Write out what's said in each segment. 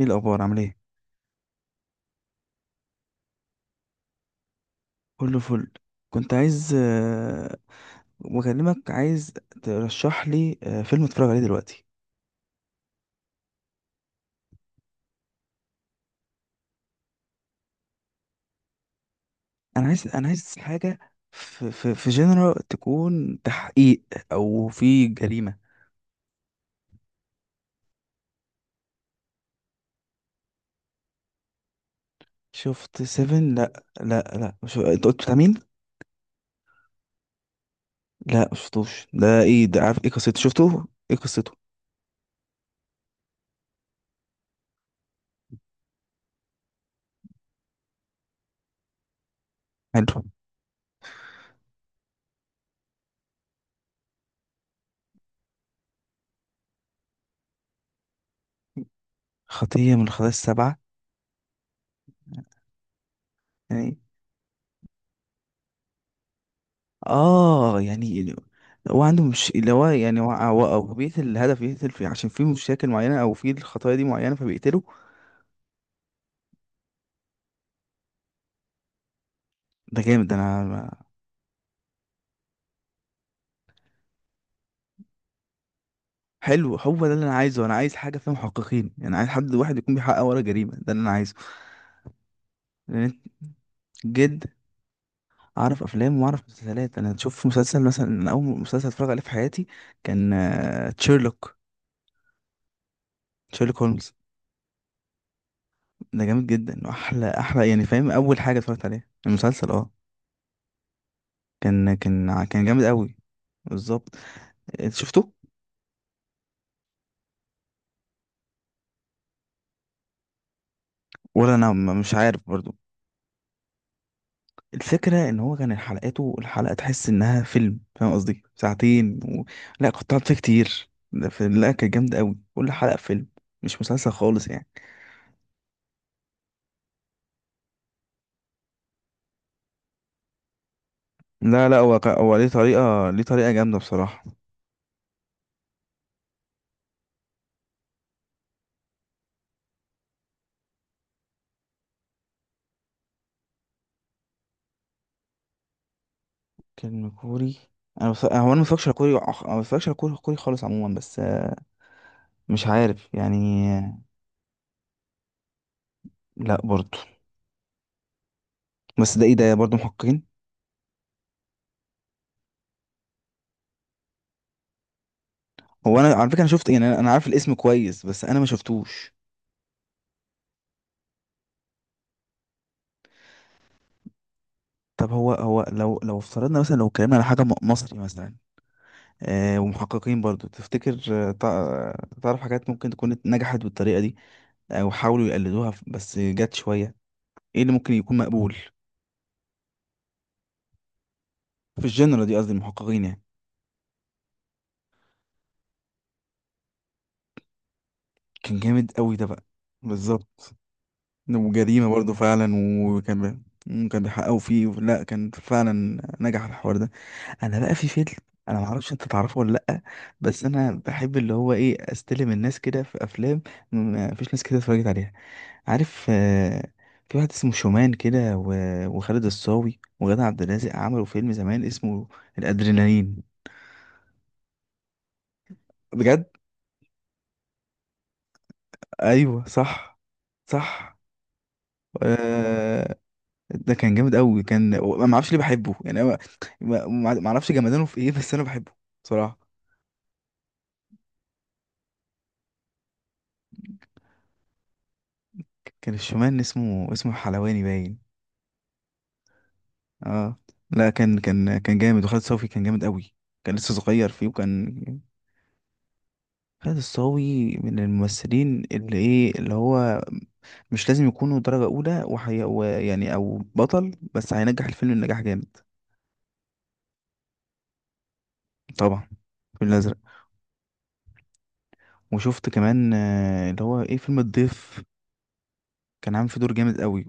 ايه الاخبار؟ عامل ايه؟ كله فل. كنت عايز بكلمك، عايز ترشح لي فيلم اتفرج عليه دلوقتي. انا عايز حاجه في جنرال تكون تحقيق، او في جريمه. شفت سيفن؟ لا لا لا، مش. انت قلت بتاع مين؟ لا مش شفتوش، ده ايه ده؟ عارف ايه قصته؟ شفته؟ ايه قصته؟ حلو. خطيه من الخطايا السبعه؟ يعني. اه، يعني ال-، هو عنده مش اللي هو يعني، هو بيقتل الهدف، يقتل فيه عشان في مشاكل معينة، او في الخطايا دي معينة فبيقتله. ده جامد، ده انا. حلو، هو ده اللي انا عايزه. انا عايز حاجة فيها محققين يعني، عايز حد واحد يكون بيحقق ورا جريمة، ده اللي انا عايزه. لأن، جد، اعرف افلام واعرف مسلسلات. انا شوف مسلسل مثلا، أنا اول مسلسل اتفرج عليه في حياتي كان تشيرلوك. تشيرلوك هولمز، ده جامد جدا، واحلى احلى يعني، فاهم؟ اول حاجه اتفرجت عليها المسلسل، اه. كان جامد قوي. بالظبط. انت شفته؟ ولا انا مش عارف برضو. الفكره ان هو كان حلقاته، الحلقه تحس انها فيلم، فاهم قصدي؟ ساعتين و. لا، كنت قعدت فيه كتير، ده في. لا، كانت جامده قوي، كل حلقه فيلم. مش مسلسل خالص يعني. لا لا، هو ليه طريقه جامده بصراحه. فيلم كوري؟ انا بص. هو انا ما بتفرجش على كوري، كوري خالص عموما، بس مش عارف يعني. آه، لا برضو. بس ده ايه ده؟ برضو محققين. هو انا على فكره، انا شفت يعني، انا عارف الاسم كويس، بس انا ما شفتوش. طب هو لو افترضنا مثلا، لو اتكلمنا على حاجه مصري مثلا، ومحققين برضو، تفتكر تعرف حاجات ممكن تكون نجحت بالطريقه دي، او حاولوا يقلدوها بس جت شويه، ايه اللي ممكن يكون مقبول في الجنرال دي، قصدي المحققين يعني؟ كان جامد قوي ده بقى. بالظبط. وجريمة برضه فعلا. وكان كان بيحققوا فيه، لا كان فعلا نجح الحوار ده. انا بقى في فيلم، انا ما اعرفش انت تعرفه ولا لا، بس انا بحب اللي هو ايه استلم الناس كده في افلام، ما فيش ناس كده اتفرجت عليها، عارف؟ في واحد اسمه شومان كده وخالد الصاوي وغادة عبد الرازق عملوا فيلم زمان اسمه الادرينالين. بجد. ايوه صح. صح. آه، ده كان جامد قوي، ما اعرفش ليه بحبه يعني، أنا ما اعرفش جمدانه في ايه، بس انا بحبه بصراحه. كان الشومان اسمه حلواني باين. اه. لا كان جامد، وخالد صوفي كان جامد قوي، كان لسه صغير فيه، وكان. خالد الصاوي من الممثلين اللي ايه، اللي هو مش لازم يكونوا درجه اولى، وحي. ويعني او بطل، بس هينجح الفيلم النجاح جامد. طبعا. الفيل الازرق. وشفت كمان اللي هو ايه، فيلم الضيف، كان عامل فيه دور جامد قوي.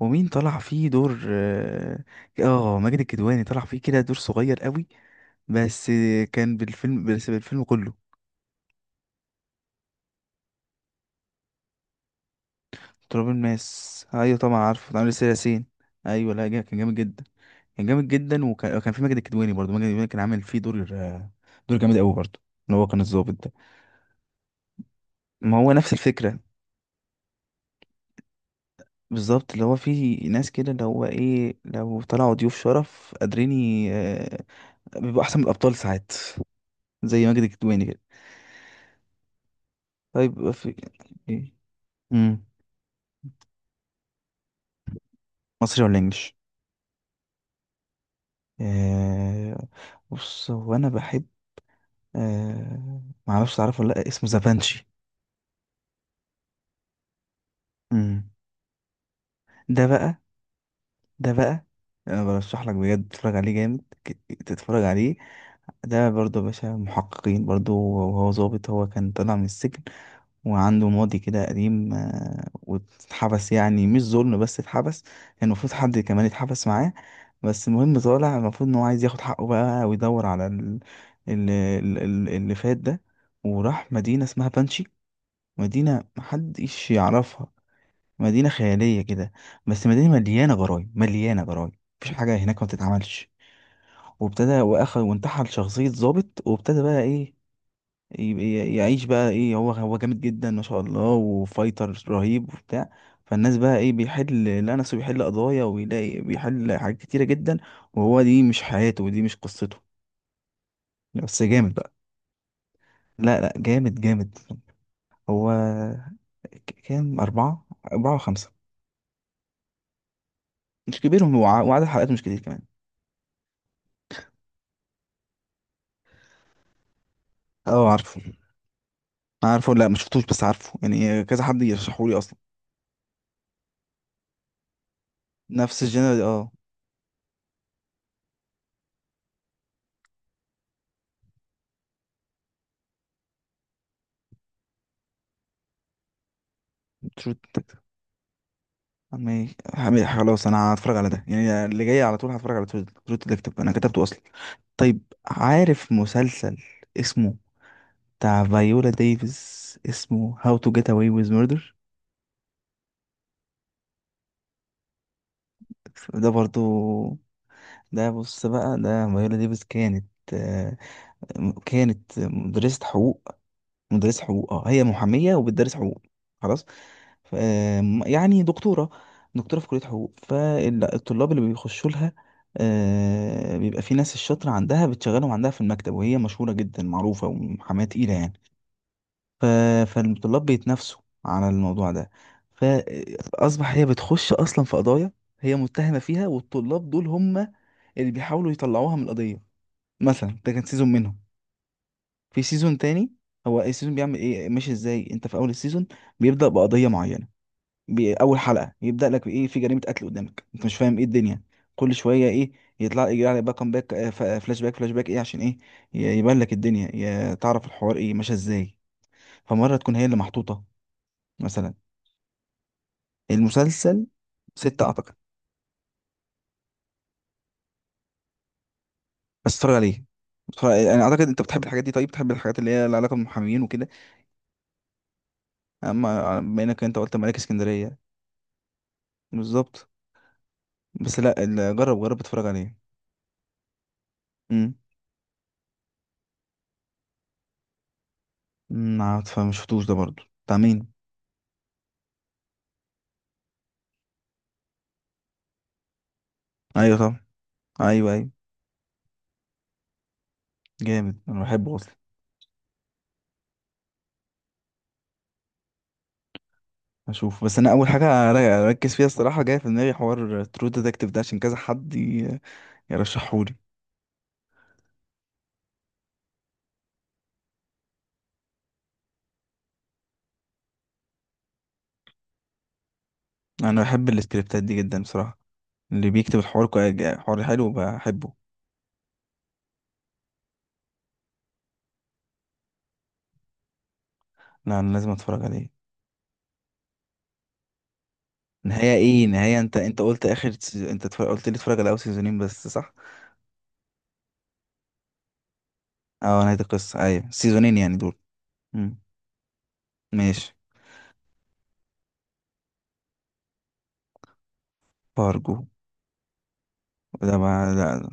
ومين طلع فيه دور؟ اه. ماجد الكدواني طلع فيه كده دور صغير قوي، بس كان بالفيلم، بس بالفيلم كله. تراب الماس ايوه طبعا عارفه، عامل سياسين. ياسين. ايوه، لا، كان جامد جدا. كان جامد جدا، وكان في ماجد الكدواني برضه، ماجد الكدواني كان عامل فيه دور دور جامد قوي برضه، اللي هو كان الضابط ده. ما هو نفس الفكره. بالظبط، اللي هو في ناس كده اللي هو ايه، لو طلعوا ضيوف شرف قادرين بيبقوا احسن من الابطال ساعات، زي ماجد الكدواني كده. طيب في. إيه؟ مصري ولا انجليش؟ آه. بص، هو انا بحب آه معرفش تعرفه ولا لا، اسمه زافانشي. امم. ده بقى. ده بقى، انا برشح لك بجد تتفرج عليه، جامد تتفرج عليه. ده برضه يا باشا محققين برضه، وهو ظابط، هو كان طالع من السجن، وعنده ماضي كده قديم، واتحبس يعني مش ظلم، بس اتحبس، كان المفروض حد كمان يتحبس معاه. بس المهم طالع، المفروض ان هو عايز ياخد حقه بقى، ويدور على اللي فات ده، وراح مدينة اسمها بانشي. مدينة محدش يعرفها، مدينة خيالية كده، بس مدينة مليانة جرايم مليانة جرايم، مفيش حاجة هناك ما بتتعملش. وابتدى واخد وانتحل شخصية ضابط، وابتدى بقى ايه، يبقى يعيش بقى ايه، هو جامد جدا ما شاء الله، وفايتر رهيب وبتاع. فالناس بقى ايه بيحل، لا نفسه بيحل قضايا، ويلاقي بيحل حاجات كتيرة جدا، وهو دي مش حياته، ودي مش قصته، بس جامد بقى. لا لا، جامد جامد. هو كام؟ أربعة، أربعة وخمسة. مش كبير، وعدد حلقاته مش كتير كمان. اه عارفه. عارفه، لا ما شفتوش، بس عارفه يعني، كذا حد يرشحهولي اصلا. نفس الجنرال اه. ترو. ماشي حبيبي، خلاص انا هتفرج على ده يعني، اللي جاي على طول هتفرج على ترو ديتكتيف، انا كتبته اصلا. طيب. عارف مسلسل اسمه، بتاع فايولا ديفيس، اسمه هاو تو جيت اواي ويز ميردر. ده برضو، ده بص بقى، ده فايولا ديفيس كانت آه، كانت مدرسة حقوق. مدرسة حقوق، اه هي محامية وبتدرس حقوق. خلاص. ف- آم، يعني دكتورة، دكتورة في كلية حقوق، فالطلاب اللي بيخشوا لها بيبقى في ناس الشاطرة عندها بتشغلهم عندها في المكتب، وهي مشهورة جدا، معروفة ومحاماة تقيلة يعني، ف- فالطلاب بيتنافسوا على الموضوع ده. فأصبح هي بتخش أصلا في قضايا، هي متهمة فيها، والطلاب دول هم اللي بيحاولوا يطلعوها من القضية. مثلا ده كان سيزون منهم، في سيزون تاني. هو السيزون بيعمل ايه ماشي ازاي؟ انت في اول السيزون بيبدأ بقضية معينة، اول حلقة يبدأ لك ايه، في جريمة قتل قدامك، انت مش فاهم ايه الدنيا، كل شوية ايه، يطلع يجي على باك فلاش باك فلاش باك ايه عشان ايه، يبان لك الدنيا، تعرف الحوار ايه ماشي ازاي، فمرة تكون هي اللي محطوطة مثلا. المسلسل ستة اعتقد. بس اتفرج عليه، انا اعتقد انت بتحب الحاجات دي، طيب بتحب الحاجات اللي هي لها علاقة بالمحامين وكده، اما بما انك انت قلت ملاك اسكندرية. بالظبط. بس لا جرب جرب اتفرج عليه. امم. عارفة ما شفتوش ده برضو، بتاع مين؟ ايوه طبعا. ايوه ايوه. جامد، انا بحبه اصلا. اشوف بس، انا اول حاجه اركز فيها الصراحه، جايه في دماغي حوار ترو ديتكتيف ده، عشان كذا حد يرشحهولي. انا بحب السكريبتات دي جدا بصراحه، اللي بيكتب الحوار حوار حلو بحبه. لا انا لازم اتفرج عليه. نهايه ايه؟ نهايه، انت قلت اخر انت اتفرج. قلت لي اتفرج على اول سيزونين بس، صح؟ اه نهايه القصه، ايوه سيزونين يعني دول. امم. ماشي. بارجو. لا ما لا.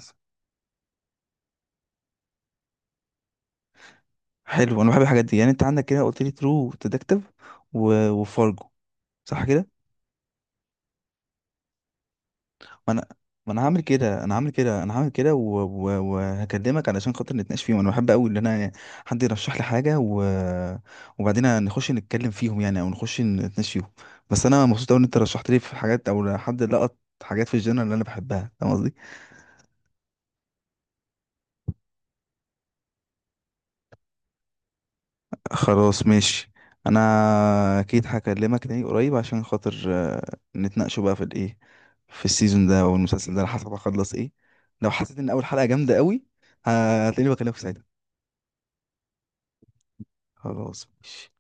حلو، انا بحب الحاجات دي يعني، انت عندك كده قلت لي ترو ديتكتيف، وفارجو، صح كده؟ ما انا، ما انا هعمل كده وهكلمك علشان خاطر نتناقش فيهم، انا بحب قوي ان انا، حد يرشح لي حاجه، و... وبعدين نخش نتكلم فيهم يعني، او نخش نتناقش فيهم. بس انا مبسوط قوي ان انت رشحت لي في حاجات، او حد لقط حاجات في الجنرال اللي انا بحبها، فاهم قصدي؟ خلاص ماشي. انا، اكيد هكلمك تاني قريب عشان خاطر نتناقشوا بقى في الايه، في السيزون ده او المسلسل ده، على حسب هخلص ايه. لو حسيت ان اول حلقة جامدة قوي، هتلاقيني بكلمك ساعتها. خلاص ماشي.